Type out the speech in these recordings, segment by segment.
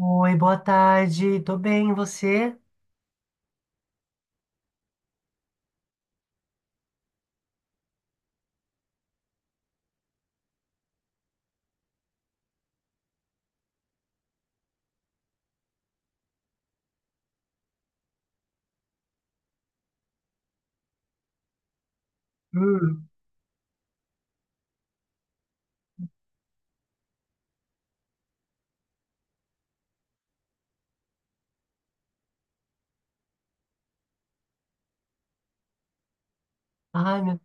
Oi, boa tarde. Tô bem, e você? Hum. Ai, meu...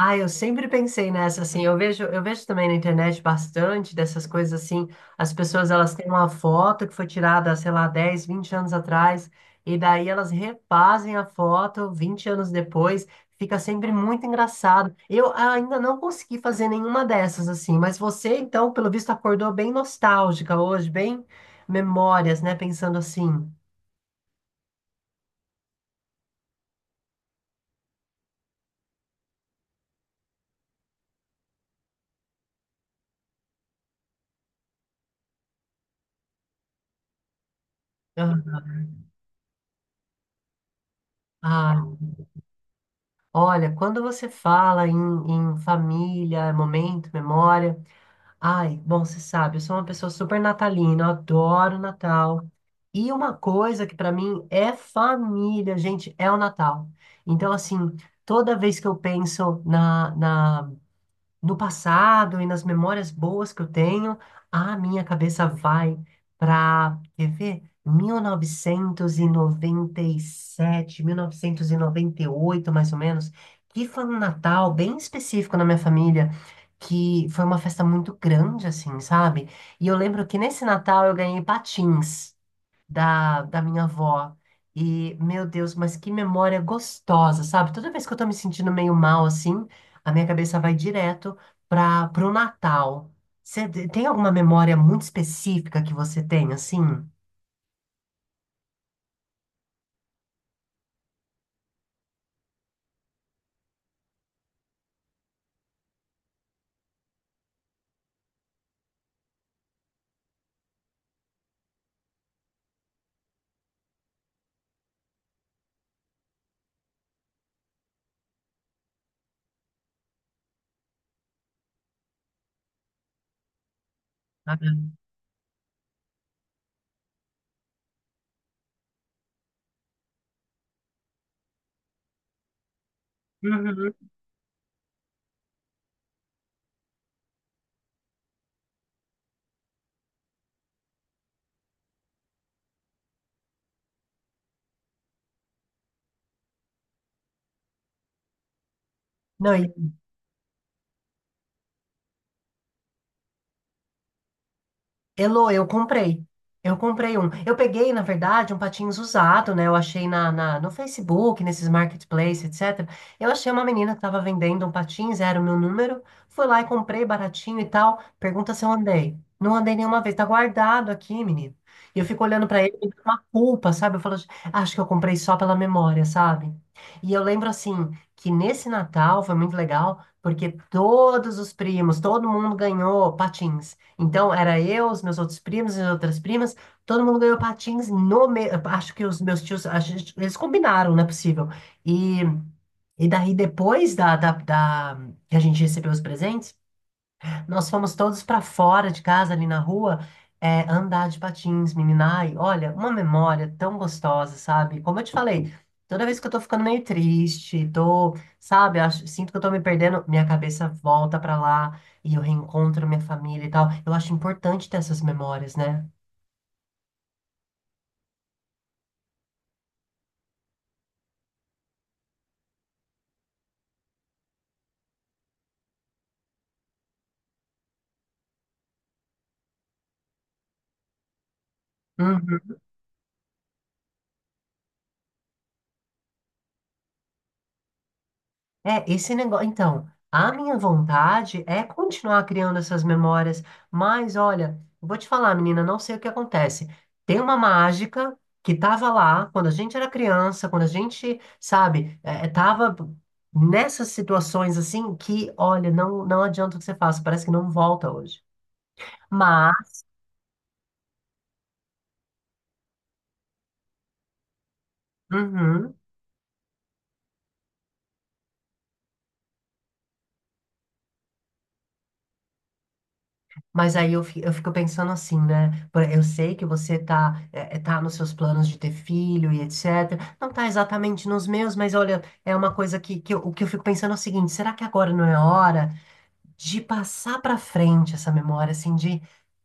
Ai, eu sempre pensei nessa assim. Eu vejo também na internet bastante dessas coisas assim. As pessoas elas têm uma foto que foi tirada, sei lá, 10, 20 anos atrás, e daí elas refazem a foto 20 anos depois. Fica sempre muito engraçado. Eu ainda não consegui fazer nenhuma dessas assim, mas você então, pelo visto, acordou bem nostálgica hoje, bem memórias, né? Pensando assim. Ah, olha, quando você fala em família, momento, memória. Ai, bom, você sabe, eu sou uma pessoa super natalina, eu adoro Natal. E uma coisa que pra mim é família, gente, é o Natal. Então, assim, toda vez que eu penso na no passado e nas memórias boas que eu tenho, a minha cabeça vai para, quer ver? 1997, 1998, mais ou menos, que foi um Natal bem específico na minha família, que foi uma festa muito grande, assim, sabe? E eu lembro que nesse Natal eu ganhei patins da minha avó. E, meu Deus, mas que memória gostosa, sabe? Toda vez que eu tô me sentindo meio mal assim, a minha cabeça vai direto para pro Natal. Você tem alguma memória muito específica que você tem, assim? Ah, uhum. Não. Elô, eu comprei. Eu comprei um. Eu peguei, na verdade, um patins usado, né? Eu achei no Facebook, nesses marketplaces, etc. Eu achei uma menina que estava vendendo um patins, era o meu número. Fui lá e comprei baratinho e tal. Pergunta se eu andei. Não andei nenhuma vez. Tá guardado aqui, menino. E eu fico olhando pra ele, me dá uma culpa, sabe? Eu falo, acho que eu comprei só pela memória, sabe? E eu lembro, assim, que nesse Natal foi muito legal, porque todos os primos, todo mundo ganhou patins. Então, era eu, os meus outros primos, as outras primas, todo mundo ganhou patins no me... Acho que os meus tios, eles combinaram, não é possível. E, e daí, depois que a gente recebeu os presentes, nós fomos todos para fora de casa, ali na rua, andar de patins, menina. Ai, olha, uma memória tão gostosa, sabe? Como eu te falei, toda vez que eu tô ficando meio triste, tô, sabe, acho, sinto que eu tô me perdendo, minha cabeça volta para lá e eu reencontro minha família e tal. Eu acho importante ter essas memórias, né? Uhum. É, esse negócio. Então, a minha vontade é continuar criando essas memórias, mas olha, vou te falar, menina, não sei o que acontece. Tem uma mágica que tava lá quando a gente era criança, quando a gente, sabe, tava nessas situações assim que, olha, não adianta o que você faça, parece que não volta hoje. Mas, uhum. Mas aí eu, eu fico pensando assim, né? Eu sei que você tá, tá nos seus planos de ter filho e etc. Não tá exatamente nos meus, mas olha, é uma coisa o que eu fico pensando é o seguinte: será que agora não é hora de passar para frente essa memória, assim, de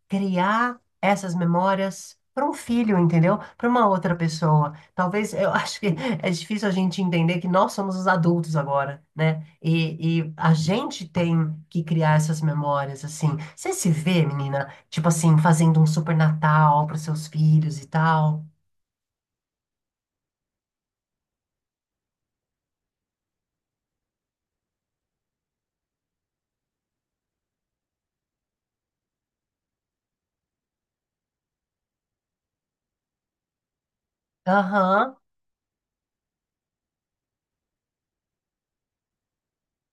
criar essas memórias para um filho, entendeu? Para uma outra pessoa. Talvez eu acho que é difícil a gente entender que nós somos os adultos agora, né? E a gente tem que criar essas memórias, assim. Você se vê, menina, tipo assim, fazendo um super Natal para seus filhos e tal? Aham.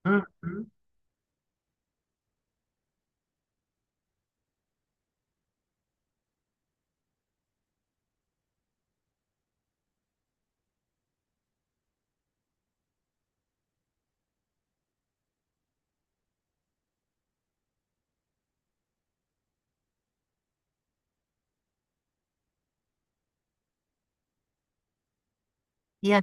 Uhum. E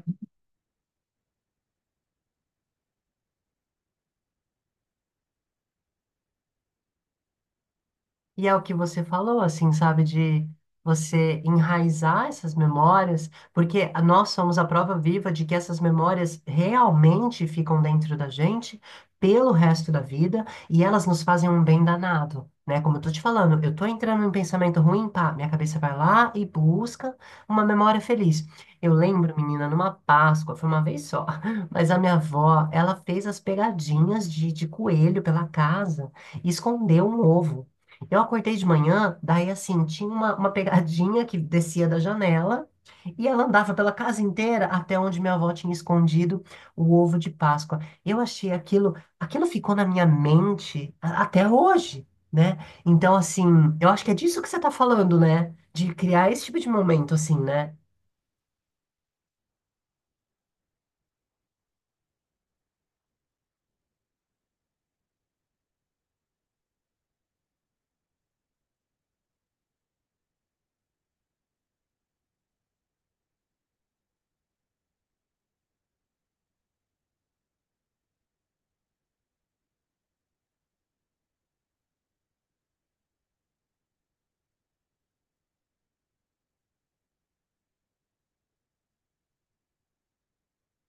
E é o que você falou, assim, sabe, de você enraizar essas memórias, porque nós somos a prova viva de que essas memórias realmente ficam dentro da gente pelo resto da vida e elas nos fazem um bem danado, né? Como eu tô te falando, eu tô entrando em pensamento ruim, pá, minha cabeça vai lá e busca uma memória feliz. Eu lembro, menina, numa Páscoa, foi uma vez só, mas a minha avó, ela fez as pegadinhas de coelho pela casa e escondeu um ovo. Eu acordei de manhã, daí assim, tinha uma pegadinha que descia da janela e ela andava pela casa inteira até onde minha avó tinha escondido o ovo de Páscoa. Eu achei aquilo, aquilo ficou na minha mente até hoje, né? Então, assim, eu acho que é disso que você tá falando, né? De criar esse tipo de momento, assim, né?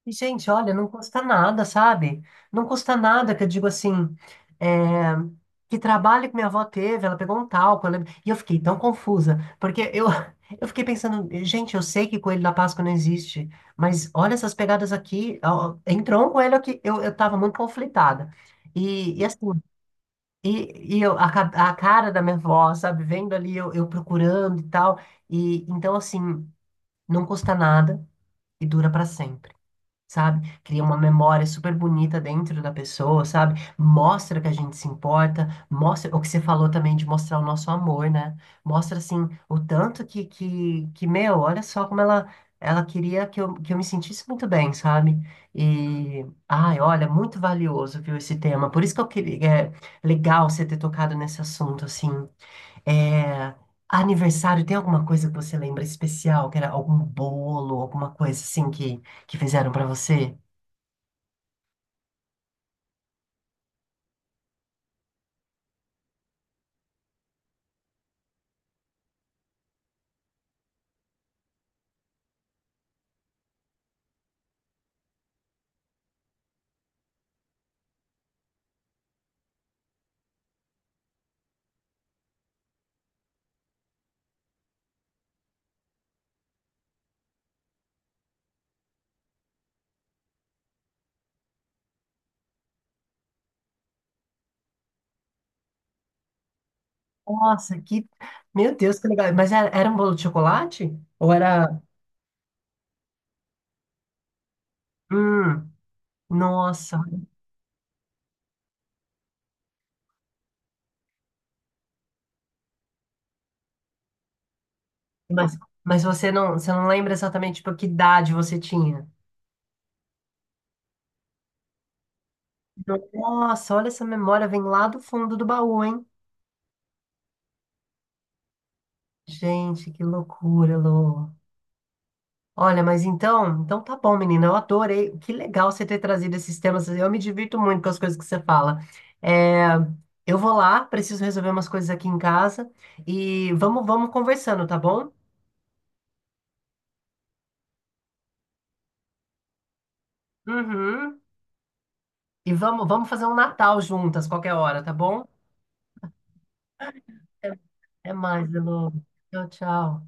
Gente, olha, não custa nada, sabe? Não custa nada que eu digo assim, é, que trabalho que minha avó teve, ela pegou um talco, e eu fiquei tão confusa, porque eu, eu fiquei pensando, gente, eu sei que coelho da Páscoa não existe, mas olha essas pegadas aqui, ó, entrou um coelho aqui, eu tava muito conflitada. E, e assim, a cara da minha avó, sabe, vendo ali, eu procurando e tal, e então assim, não custa nada e dura pra sempre, sabe? Cria uma memória super bonita dentro da pessoa, sabe? Mostra que a gente se importa, mostra o que você falou também de mostrar o nosso amor, né? Mostra assim o tanto que meu, olha só como ela queria que eu me sentisse muito bem, sabe? E ai, olha, muito valioso, viu, esse tema. Por isso que eu queria, é legal você ter tocado nesse assunto assim. É, aniversário, tem alguma coisa que você lembra especial? Que era algum bolo, alguma coisa assim que fizeram pra você? Nossa, que. Meu Deus, que legal. Mas era um bolo de chocolate? Ou era. Hum, nossa. Mas, mas você não lembra exatamente tipo, que idade você tinha? Nossa, olha essa memória, vem lá do fundo do baú, hein? Gente, que loucura, Lô. Olha, mas então, então tá bom, menina. Eu adorei. Que legal você ter trazido esses temas. Eu me divirto muito com as coisas que você fala. É, eu vou lá, preciso resolver umas coisas aqui em casa e vamos conversando, tá bom? Uhum. E vamos fazer um Natal juntas, qualquer hora, tá bom? Até mais, Elô. Tchau.